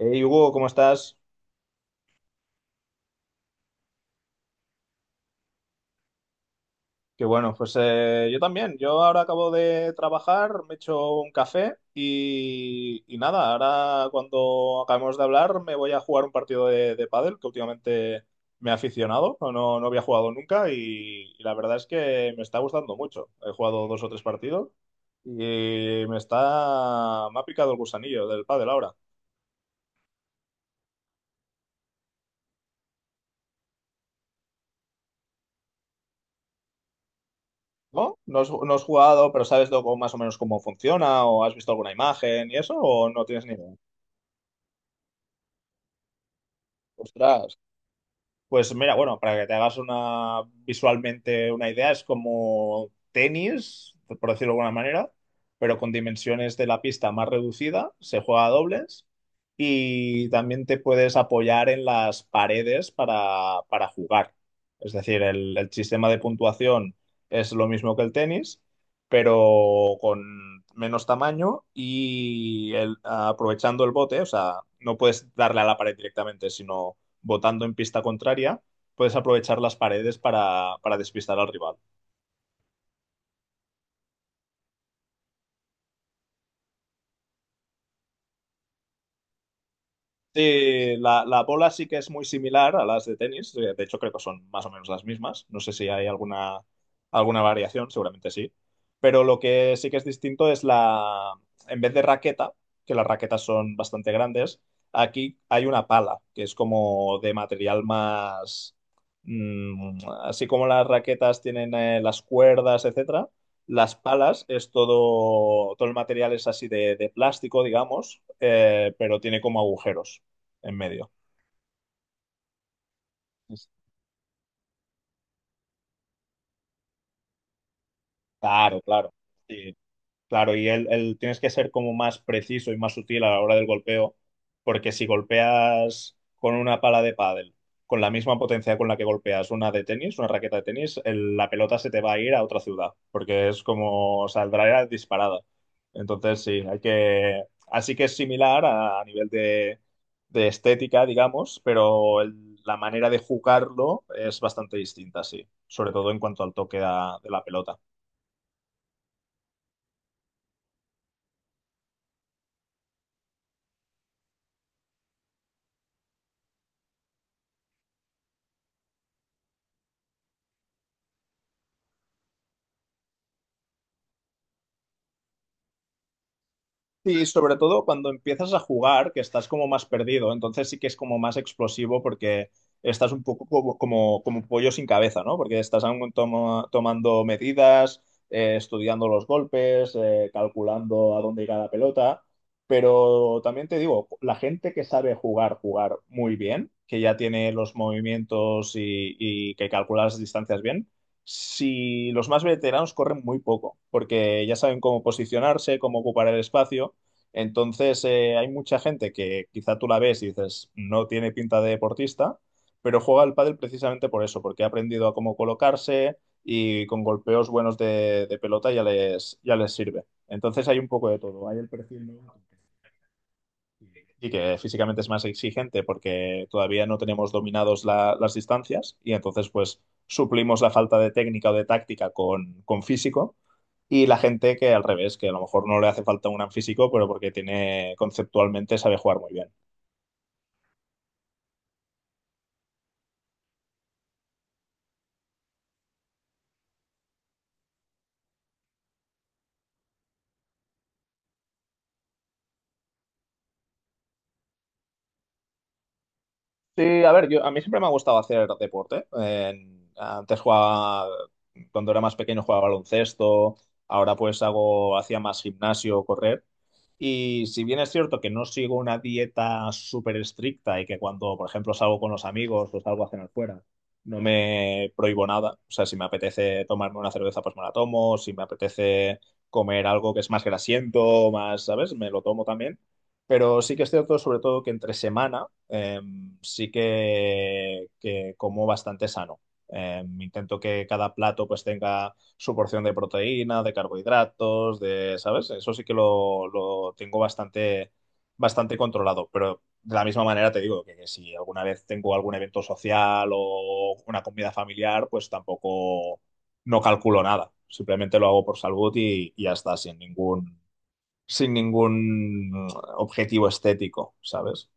Hey Hugo, ¿cómo estás? Que bueno, pues yo también. Yo ahora acabo de trabajar, me he hecho un café y nada, ahora cuando acabemos de hablar me voy a jugar un partido de pádel que últimamente me he aficionado, no, no, no había jugado nunca y la verdad es que me está gustando mucho. He jugado dos o tres partidos y me ha picado el gusanillo del pádel ahora. ¿No? ¿No has jugado, pero sabes más o menos cómo funciona o has visto alguna imagen y eso o no tienes ni idea? Ostras. Pues mira, bueno, para que te hagas una visualmente una idea, es como tenis, por decirlo de alguna manera, pero con dimensiones de la pista más reducida, se juega a dobles y también te puedes apoyar en las paredes para jugar. Es decir, el sistema de puntuación es lo mismo que el tenis, pero con menos tamaño y aprovechando el bote, o sea, no puedes darle a la pared directamente, sino votando en pista contraria, puedes aprovechar las paredes para despistar al rival. Sí, la bola sí que es muy similar a las de tenis. De hecho, creo que son más o menos las mismas. No sé si hay alguna variación, seguramente sí. Pero lo que sí que es distinto es en vez de raqueta, que las raquetas son bastante grandes, aquí hay una pala, que es como de material más mm, así como las raquetas tienen las cuerdas, etcétera, las palas es todo el material es así de plástico, digamos, pero tiene como agujeros en medio. Claro, claro. Sí, claro, y tienes que ser como más preciso y más sutil a la hora del golpeo, porque si golpeas con una pala de pádel, con la misma potencia con la que golpeas una de tenis, una raqueta de tenis, la pelota se te va a ir a otra ciudad, porque es como saldrá disparada. Entonces, sí, hay que. Así que es similar a nivel de estética, digamos, pero la manera de jugarlo es bastante distinta, sí, sobre todo en cuanto al toque de la pelota. Sí, sobre todo cuando empiezas a jugar, que estás como más perdido, entonces sí que es como más explosivo porque estás un poco como un pollo sin cabeza, ¿no? Porque estás aún tomando medidas, estudiando los golpes, calculando a dónde irá la pelota, pero también te digo, la gente que sabe jugar muy bien, que ya tiene los movimientos y que calcula las distancias bien si los más veteranos corren muy poco, porque ya saben cómo posicionarse, cómo ocupar el espacio, entonces, hay mucha gente que quizá tú la ves y dices, no tiene pinta de deportista, pero juega al pádel precisamente por eso, porque ha aprendido a cómo colocarse y con golpeos buenos de pelota ya les sirve. Entonces, hay un poco de todo, hay el perfil nuevo. Y que físicamente es más exigente porque todavía no tenemos dominados las distancias y entonces pues suplimos la falta de técnica o de táctica con físico y la gente que al revés, que a lo mejor no le hace falta un gran físico, pero porque tiene conceptualmente sabe jugar muy bien. Sí, a ver, yo, a mí siempre me ha gustado hacer deporte. Antes jugaba, cuando era más pequeño jugaba baloncesto, ahora pues hacía más gimnasio, correr. Y si bien es cierto que no sigo una dieta súper estricta y que cuando, por ejemplo, salgo con los amigos o salgo a cenar fuera, no me prohíbo nada. O sea, si me apetece tomarme una cerveza, pues me la tomo. Si me apetece comer algo que es más grasiento, más, ¿sabes? Me lo tomo también. Pero sí que es cierto, sobre todo, que entre semana sí que como bastante sano. Intento que cada plato pues tenga su porción de proteína, de carbohidratos, de, ¿sabes? Eso sí que lo tengo bastante, bastante controlado, pero de la misma manera te digo que si alguna vez tengo algún evento social o una comida familiar, pues tampoco no calculo nada. Simplemente lo hago por salud y ya está, sin ningún objetivo estético, ¿sabes?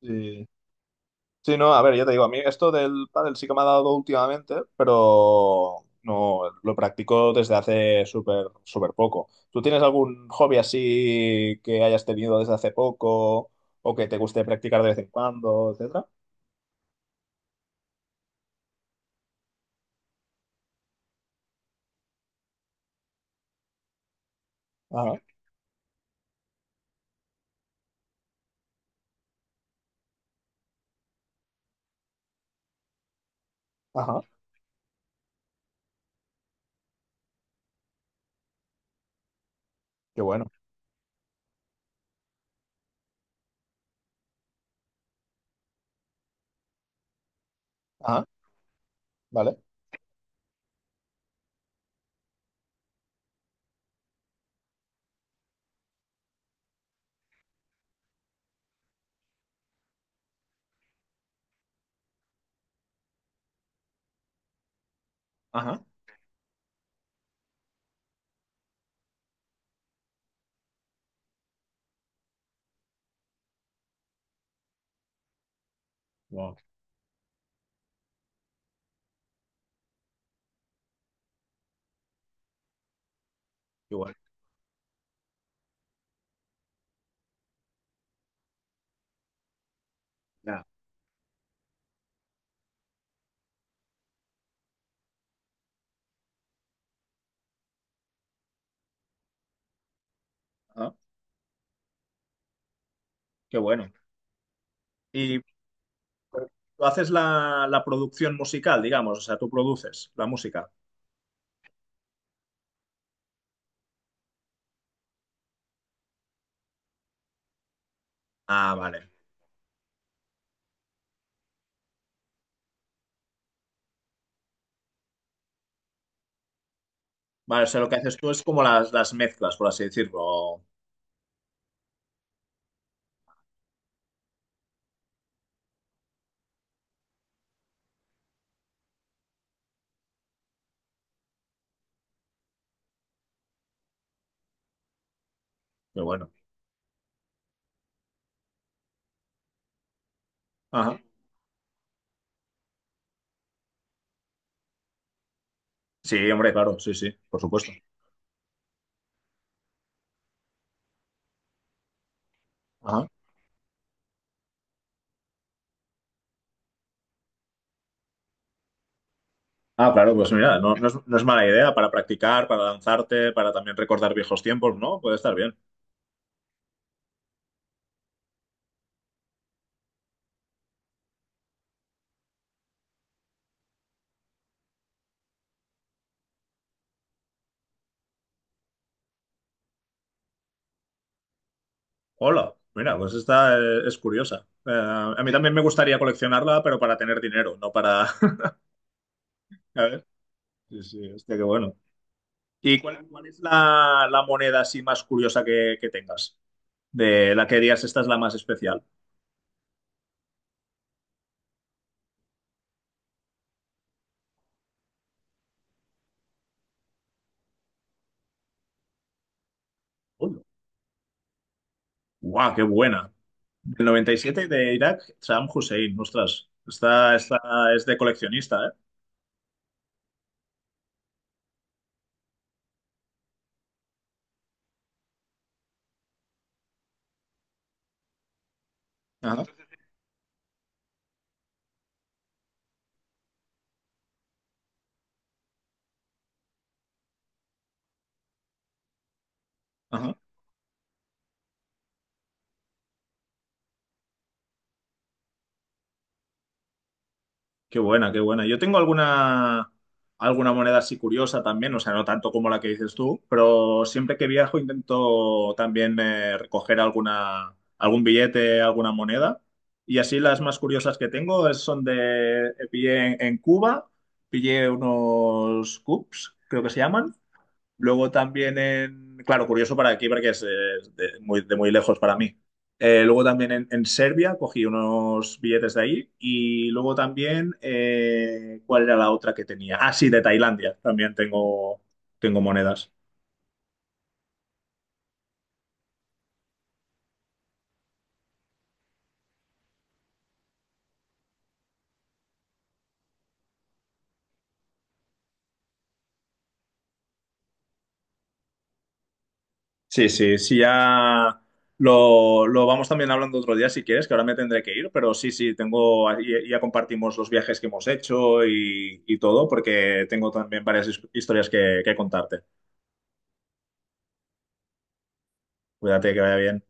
Sí. Sí, no, a ver, ya te digo, a mí esto del pádel sí que me ha dado últimamente, pero no lo practico desde hace súper súper poco. ¿Tú tienes algún hobby así que hayas tenido desde hace poco o que te guste practicar de vez en cuando, etcétera? Ajá, ajá, qué bueno. Ajá, vale. Ajá, wow, qué bueno. Ya, ajá, qué bueno. ¿Y tú haces la producción musical, digamos? O sea, tú produces la música. Ah, vale. Vale, o sea, lo que haces tú es como las mezclas, por así decirlo. Pero bueno. Ajá. Sí, hombre, claro, sí, sí, por supuesto. Ajá. Ah, claro, pues mira, no, no es mala idea para practicar, para lanzarte, para también recordar viejos tiempos, ¿no? Puede estar bien. Hola, mira, pues esta es curiosa. A mí también me gustaría coleccionarla, pero para tener dinero, no para A ver, sí, sí, hostia, qué bueno. ¿Y cuál, cuál es la moneda así más curiosa que tengas? De la que dirías, esta es la más especial. Hola. ¡Guau, qué buena! Del noventa y siete de Irak, Saddam Hussein. Ostras, esta es de coleccionista, ¿eh? Ajá, ajá. Qué buena, qué buena. Yo tengo alguna moneda así curiosa también, o sea, no tanto como la que dices tú, pero siempre que viajo intento también recoger alguna, algún billete, alguna moneda. Y así las más curiosas que tengo son Pillé en Cuba, pillé unos cups, creo que se llaman. Luego también claro, curioso para aquí porque es de muy lejos para mí. Luego también en Serbia cogí unos billetes de ahí y luego también, ¿cuál era la otra que tenía? Ah, sí, de Tailandia también tengo monedas. Sí, sí, sí, ya lo vamos también hablando otro día si quieres, que ahora me tendré que ir, pero sí, sí, ahí ya compartimos los viajes que hemos hecho y todo porque tengo también varias historias que contarte. Cuídate, que vaya bien.